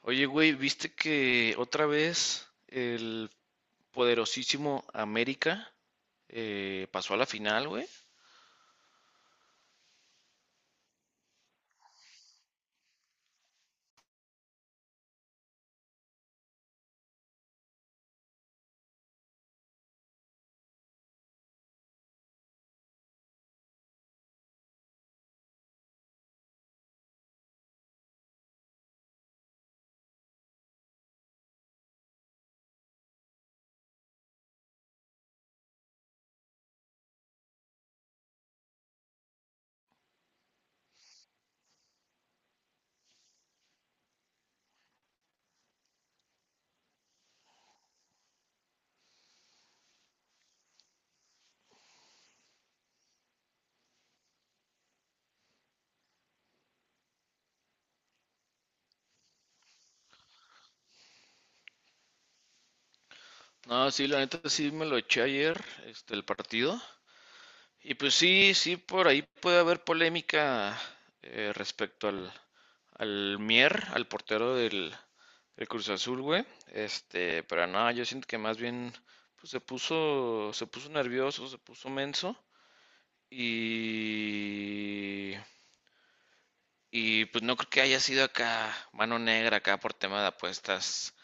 Oye, güey, ¿viste que otra vez el poderosísimo América pasó a la final, güey? No, sí, la neta sí me lo eché ayer, este, el partido. Y pues sí, sí, por ahí puede haber polémica respecto al Mier, al portero del Cruz Azul, güey. Este, pero no, yo siento que más bien pues, se puso nervioso, se puso menso. Y Y pues no creo que haya sido acá mano negra, acá por tema de apuestas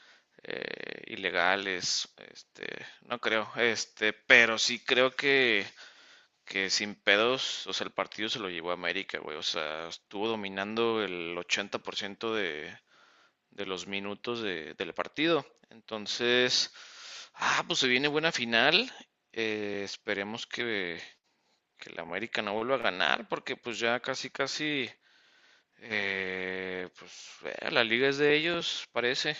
ilegales, este, no creo, este, pero sí creo que sin pedos, o sea, el partido se lo llevó a América, güey, o sea, estuvo dominando el 80% de los minutos del partido. Entonces, pues se viene buena final, esperemos que la América no vuelva a ganar, porque pues ya casi, casi la liga es de ellos, parece.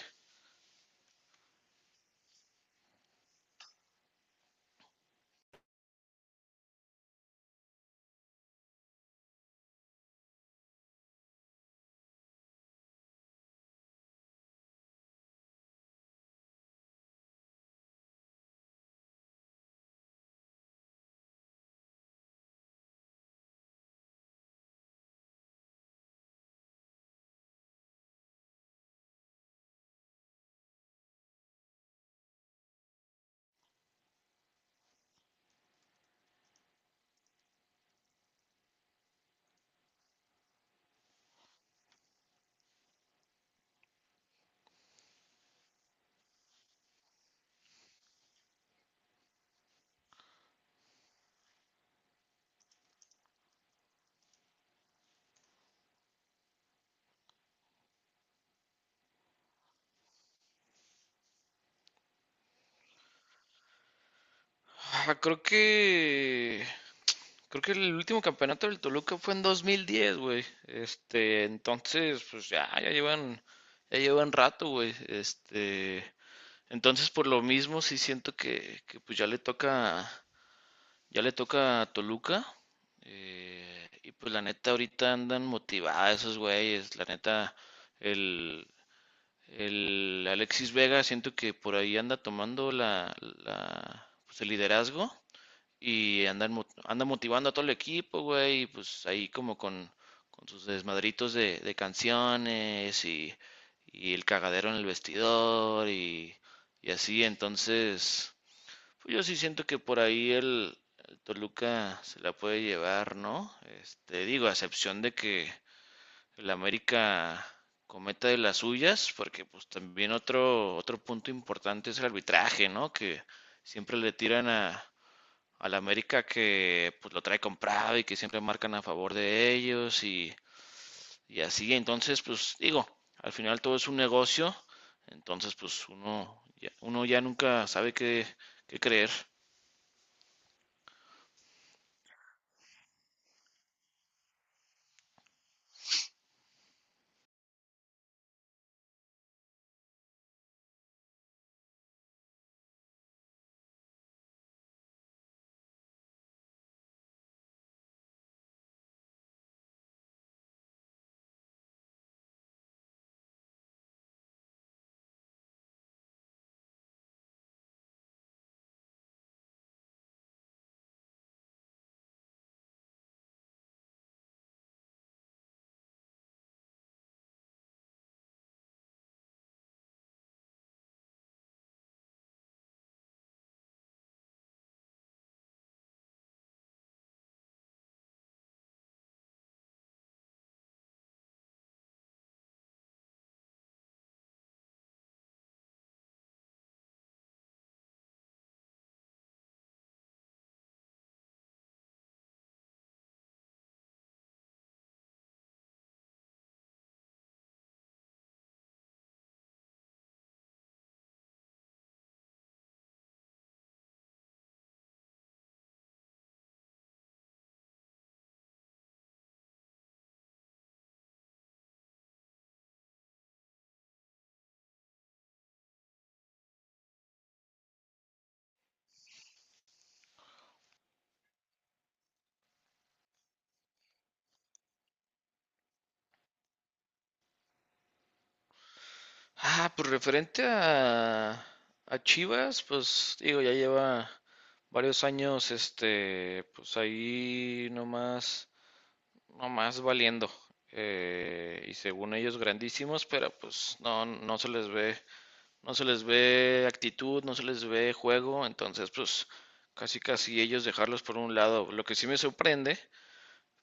Ah, creo que el último campeonato del Toluca fue en 2010, güey. Este, entonces, pues ya llevan rato, güey. Este, entonces por lo mismo sí siento que pues ya le toca a Toluca. Y pues la neta ahorita andan motivadas esos güeyes, la neta el El Alexis Vega siento que por ahí anda tomando pues, el liderazgo y anda motivando a todo el equipo, güey, y pues ahí como con sus desmadritos de canciones y el cagadero en el vestidor y así, entonces, pues yo sí siento que por ahí el Toluca se la puede llevar, ¿no? Este, digo, a excepción de que el América cometa de las suyas, porque pues también otro punto importante es el arbitraje, ¿no? Que siempre le tiran al América que pues lo trae comprado y que siempre marcan a favor de ellos y así. Entonces, pues digo, al final todo es un negocio, entonces pues uno ya nunca sabe qué creer. Ah, pues referente a Chivas, pues digo, ya lleva varios años, este, pues ahí nomás, nomás valiendo. Y según ellos grandísimos, pero pues no se les ve, no se les ve actitud, no se les ve juego, entonces pues casi casi ellos dejarlos por un lado. Lo que sí me sorprende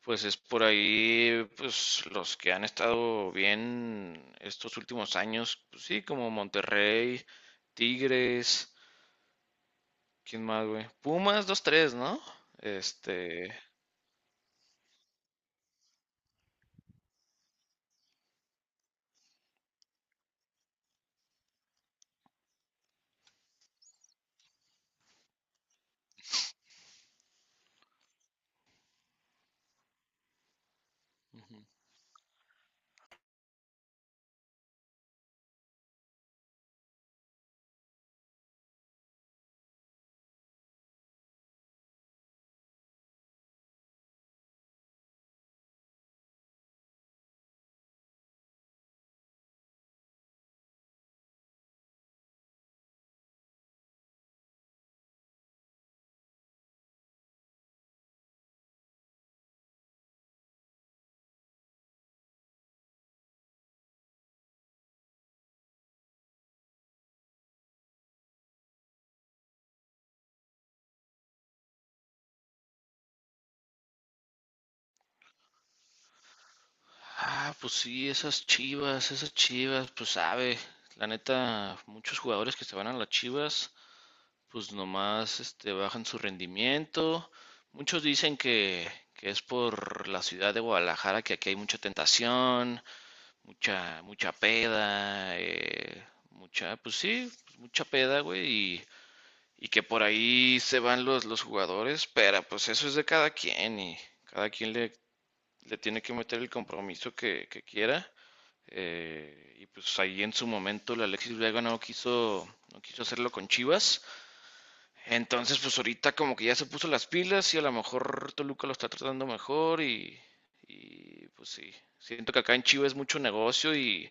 pues es por ahí, pues los que han estado bien estos últimos años, pues sí, como Monterrey, Tigres, ¿quién más, güey? Pumas dos tres, ¿no? Este. Ujú. Ah, pues sí, esas Chivas, pues sabe, la neta, muchos jugadores que se van a las Chivas, pues nomás este, bajan su rendimiento. Muchos dicen que es por la ciudad de Guadalajara, que aquí hay mucha tentación, mucha, mucha peda, mucha, pues sí, pues mucha peda, güey, y que por ahí se van los jugadores, pero pues eso es de cada quien y cada quien le tiene que meter el compromiso que quiera. Y pues ahí en su momento el Alexis Vega no quiso hacerlo con Chivas. Entonces, pues ahorita como que ya se puso las pilas y a lo mejor Toluca lo está tratando mejor pues sí, siento que acá en Chivas es mucho negocio y,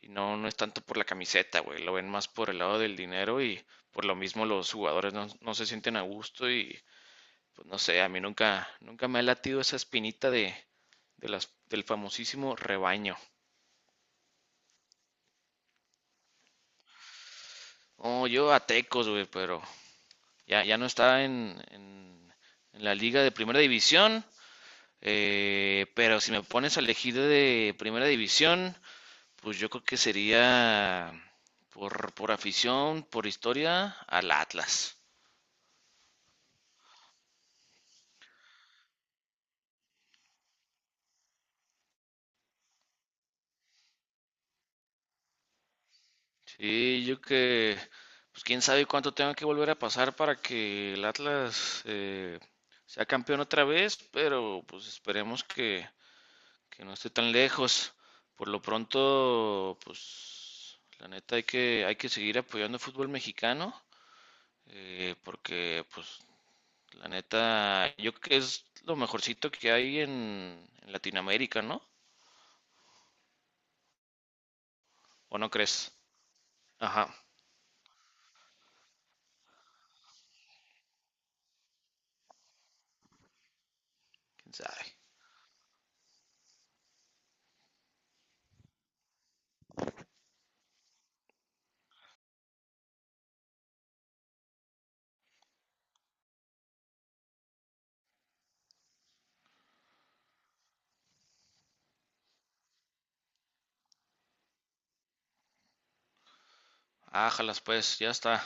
y no es tanto por la camiseta, güey, lo ven más por el lado del dinero y por lo mismo los jugadores no se sienten a gusto y pues no sé, a mí nunca, nunca me ha latido esa espinita del famosísimo rebaño. Oh, yo a Tecos, güey, pero ya no está en la liga de primera división. Pero si me pones a elegir de primera división, pues yo creo que sería por afición, por historia, al Atlas. Sí, pues quién sabe cuánto tenga que volver a pasar para que el Atlas sea campeón otra vez, pero pues esperemos que no esté tan lejos. Por lo pronto, pues la neta hay que seguir apoyando el fútbol mexicano, porque pues la neta, yo creo que es lo mejorcito que hay en Latinoamérica, ¿no? ¿O no crees? Ajá, quién sabe. Ájalas, pues, ya está.